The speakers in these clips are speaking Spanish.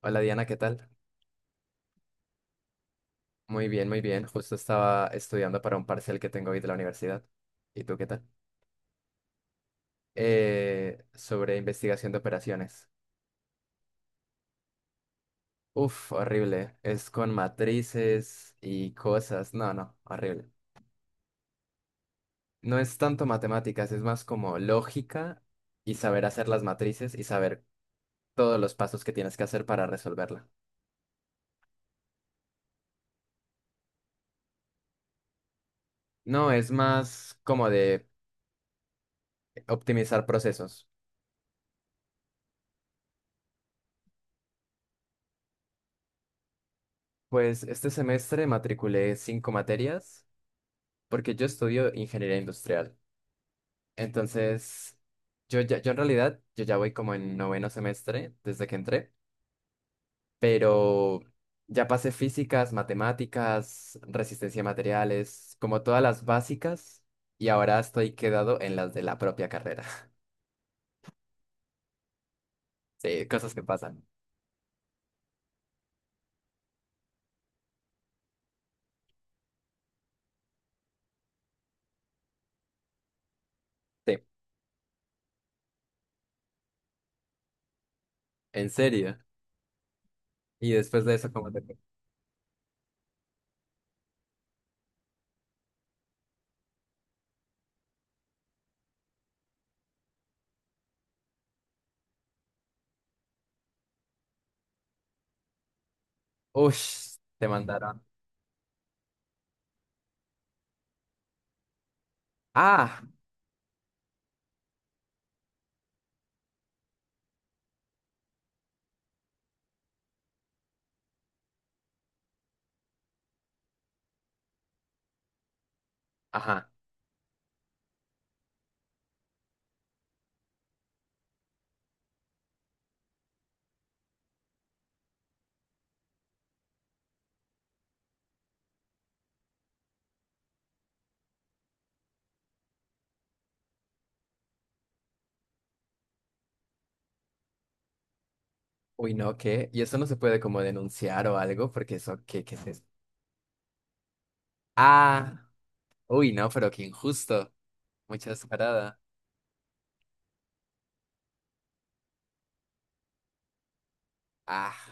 Hola Diana, ¿qué tal? Muy bien, muy bien. Justo estaba estudiando para un parcial que tengo hoy de la universidad. ¿Y tú qué tal? Sobre investigación de operaciones. Uf, horrible. Es con matrices y cosas. No, no, horrible. No es tanto matemáticas, es más como lógica y saber hacer las matrices y saber todos los pasos que tienes que hacer para resolverla. No, es más como de optimizar procesos. Pues este semestre matriculé cinco materias porque yo estudio ingeniería industrial. Entonces, yo ya voy como en noveno semestre desde que entré, pero ya pasé físicas, matemáticas, resistencia a materiales, como todas las básicas, y ahora estoy quedado en las de la propia carrera. Sí, cosas que pasan. Sí, en serio. Y después de eso, ¿cómo te fue? Ush, te mandaron. Ah, ajá. Uy, no, ¿qué? Y eso no se puede como denunciar o algo, porque eso, ¿qué es eso? Ah. Uy, no, pero qué injusto. Mucha descarada. Ah,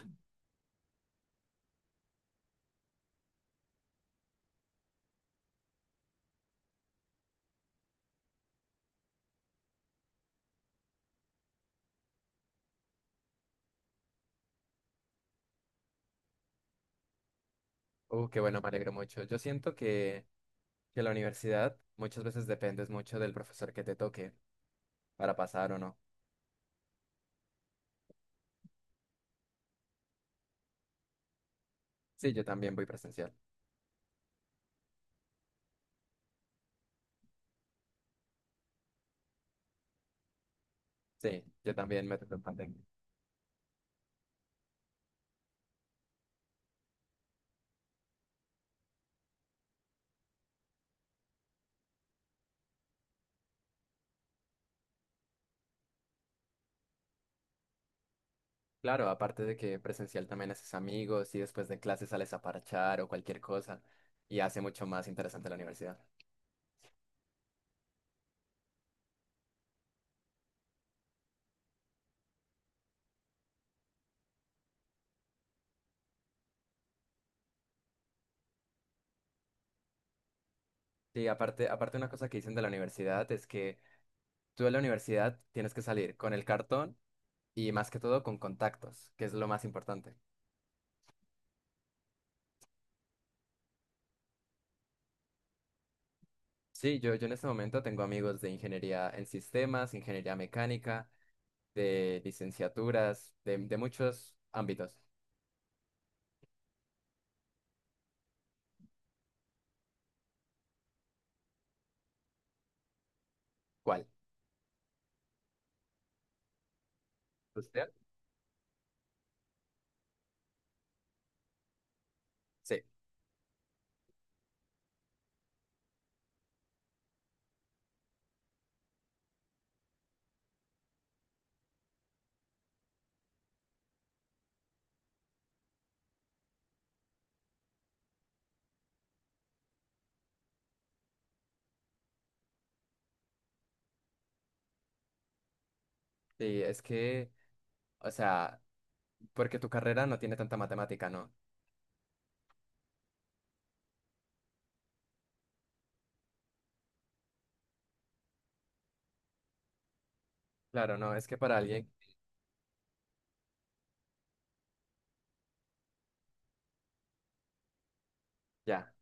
qué bueno, me alegro mucho. Yo siento que la universidad muchas veces dependes mucho del profesor que te toque para pasar o no. Sí, yo también voy presencial. Sí, yo también me tocó en pandemia. Claro, aparte de que presencial también haces amigos y después de clases sales a parchar o cualquier cosa y hace mucho más interesante la universidad. Sí, aparte, aparte una cosa que dicen de la universidad es que tú de la universidad tienes que salir con el cartón y más que todo con contactos, que es lo más importante. Sí, yo en este momento tengo amigos de ingeniería en sistemas, ingeniería mecánica, de licenciaturas, de muchos ámbitos. ¿Cuál? ¿Usted? Sí, sí, es que, o sea, porque tu carrera no tiene tanta matemática, ¿no? Claro, no, es que para alguien, ya,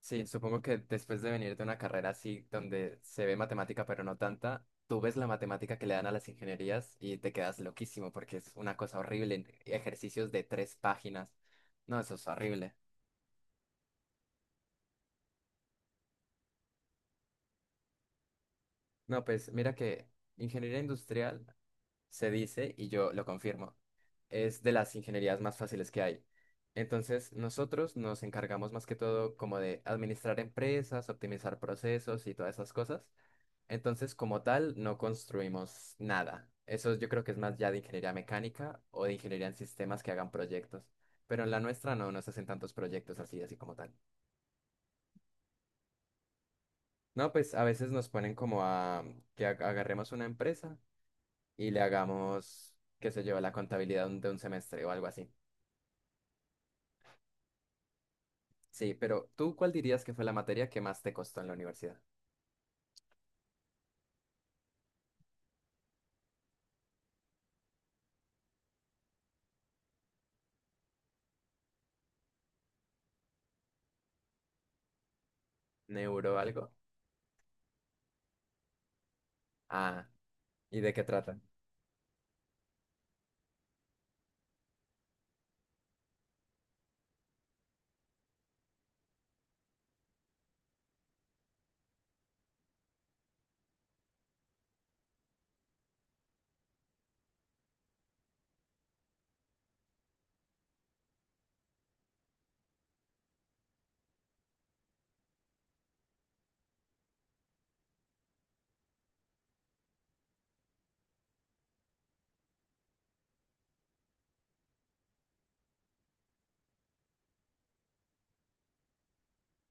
sí, supongo que después de venir de una carrera así, donde se ve matemática pero no tanta, tú ves la matemática que le dan a las ingenierías y te quedas loquísimo porque es una cosa horrible, ejercicios de tres páginas, no, eso es horrible. No, pues mira que ingeniería industrial se dice, y yo lo confirmo, es de las ingenierías más fáciles que hay. Entonces, nosotros nos encargamos más que todo como de administrar empresas, optimizar procesos y todas esas cosas. Entonces, como tal, no construimos nada. Eso yo creo que es más ya de ingeniería mecánica o de ingeniería en sistemas que hagan proyectos. Pero en la nuestra no nos hacen tantos proyectos así, así como tal. No, pues a veces nos ponen como a que agarremos una empresa y le hagamos, qué sé yo, la contabilidad de un semestre o algo así. Sí, pero ¿tú cuál dirías que fue la materia que más te costó en la universidad? ¿Neuro algo? Ah, ¿y de qué trata?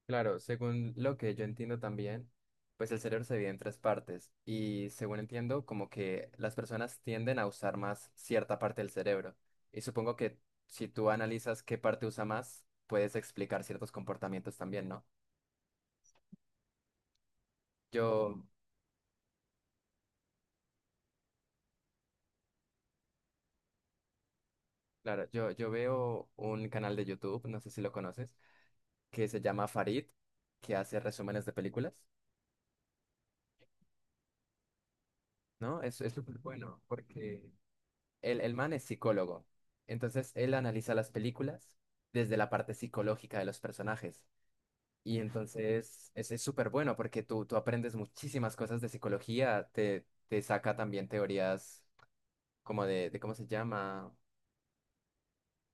Claro, según lo que yo entiendo también, pues el cerebro se divide en tres partes y según entiendo, como que las personas tienden a usar más cierta parte del cerebro. Y supongo que si tú analizas qué parte usa más, puedes explicar ciertos comportamientos también, ¿no? Yo, claro, yo veo un canal de YouTube, no sé si lo conoces, que se llama Farid, que hace resúmenes de películas, ¿no? Es súper bueno porque el man es psicólogo. Entonces él analiza las películas desde la parte psicológica de los personajes. Y entonces es súper bueno porque tú aprendes muchísimas cosas de psicología, te saca también teorías como de ¿cómo se llama?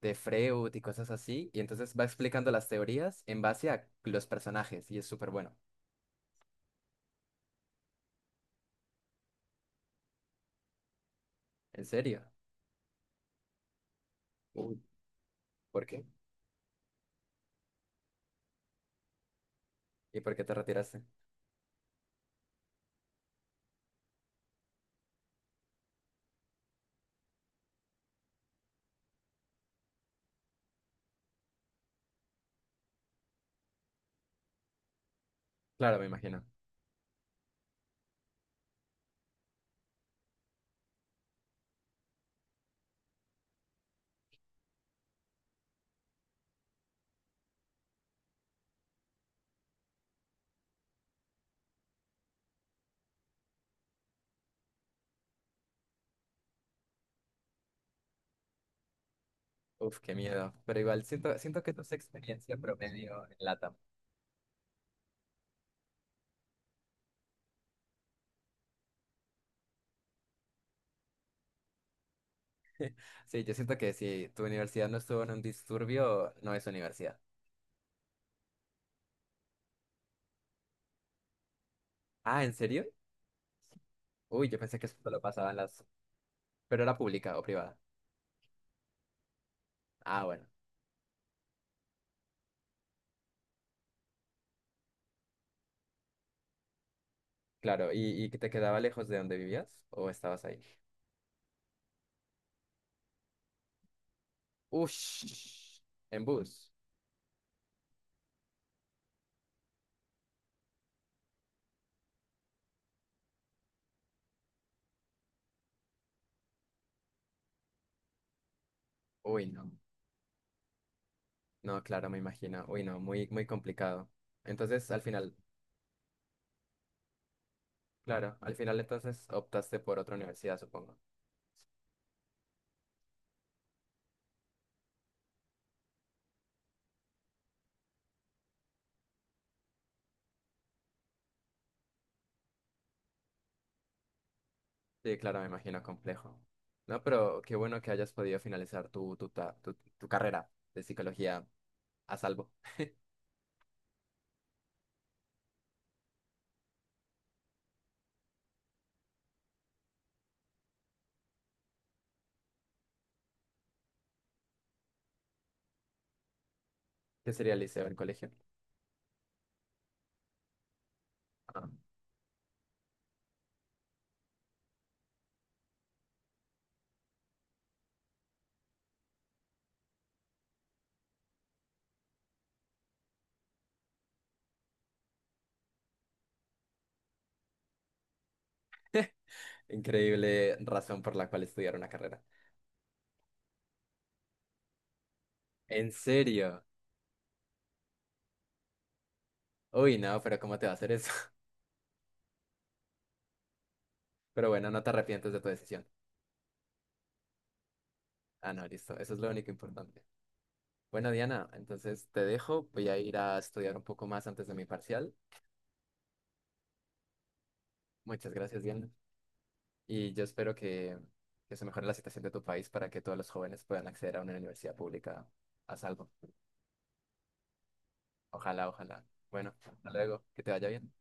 De Freud y cosas así. Y entonces va explicando las teorías en base a los personajes y es súper bueno. ¿En serio? Uy, ¿por qué? ¿Y por qué te retiraste? Claro, me imagino. Uf, qué miedo. Pero igual siento, siento que tu experiencia promedio en LATAM. Sí, yo siento que si tu universidad no estuvo en un disturbio, no es universidad. Ah, ¿en serio? Uy, yo pensé que eso solo pasaba en las... Pero era pública o privada. Ah, bueno. Claro, ¿y que te quedaba lejos de donde vivías o estabas ahí? Ush, en bus. Uy, no. No, claro, me imagino. Uy, no, muy, muy complicado. Entonces, al final, claro, al final entonces optaste por otra universidad, supongo. Sí, claro, me imagino complejo. No, pero qué bueno que hayas podido finalizar tu carrera de psicología a salvo. ¿Qué sería el liceo, el colegio? Ah, increíble razón por la cual estudiar una carrera. ¿En serio? Uy, no, pero ¿cómo te va a hacer eso? Pero bueno, no te arrepientes de tu decisión. Ah, no, listo. Eso es lo único importante. Bueno, Diana, entonces te dejo. Voy a ir a estudiar un poco más antes de mi parcial. Muchas gracias, Diana. Y yo espero que se mejore la situación de tu país para que todos los jóvenes puedan acceder a una universidad pública a salvo. Ojalá, ojalá. Bueno, hasta luego, que te vaya bien.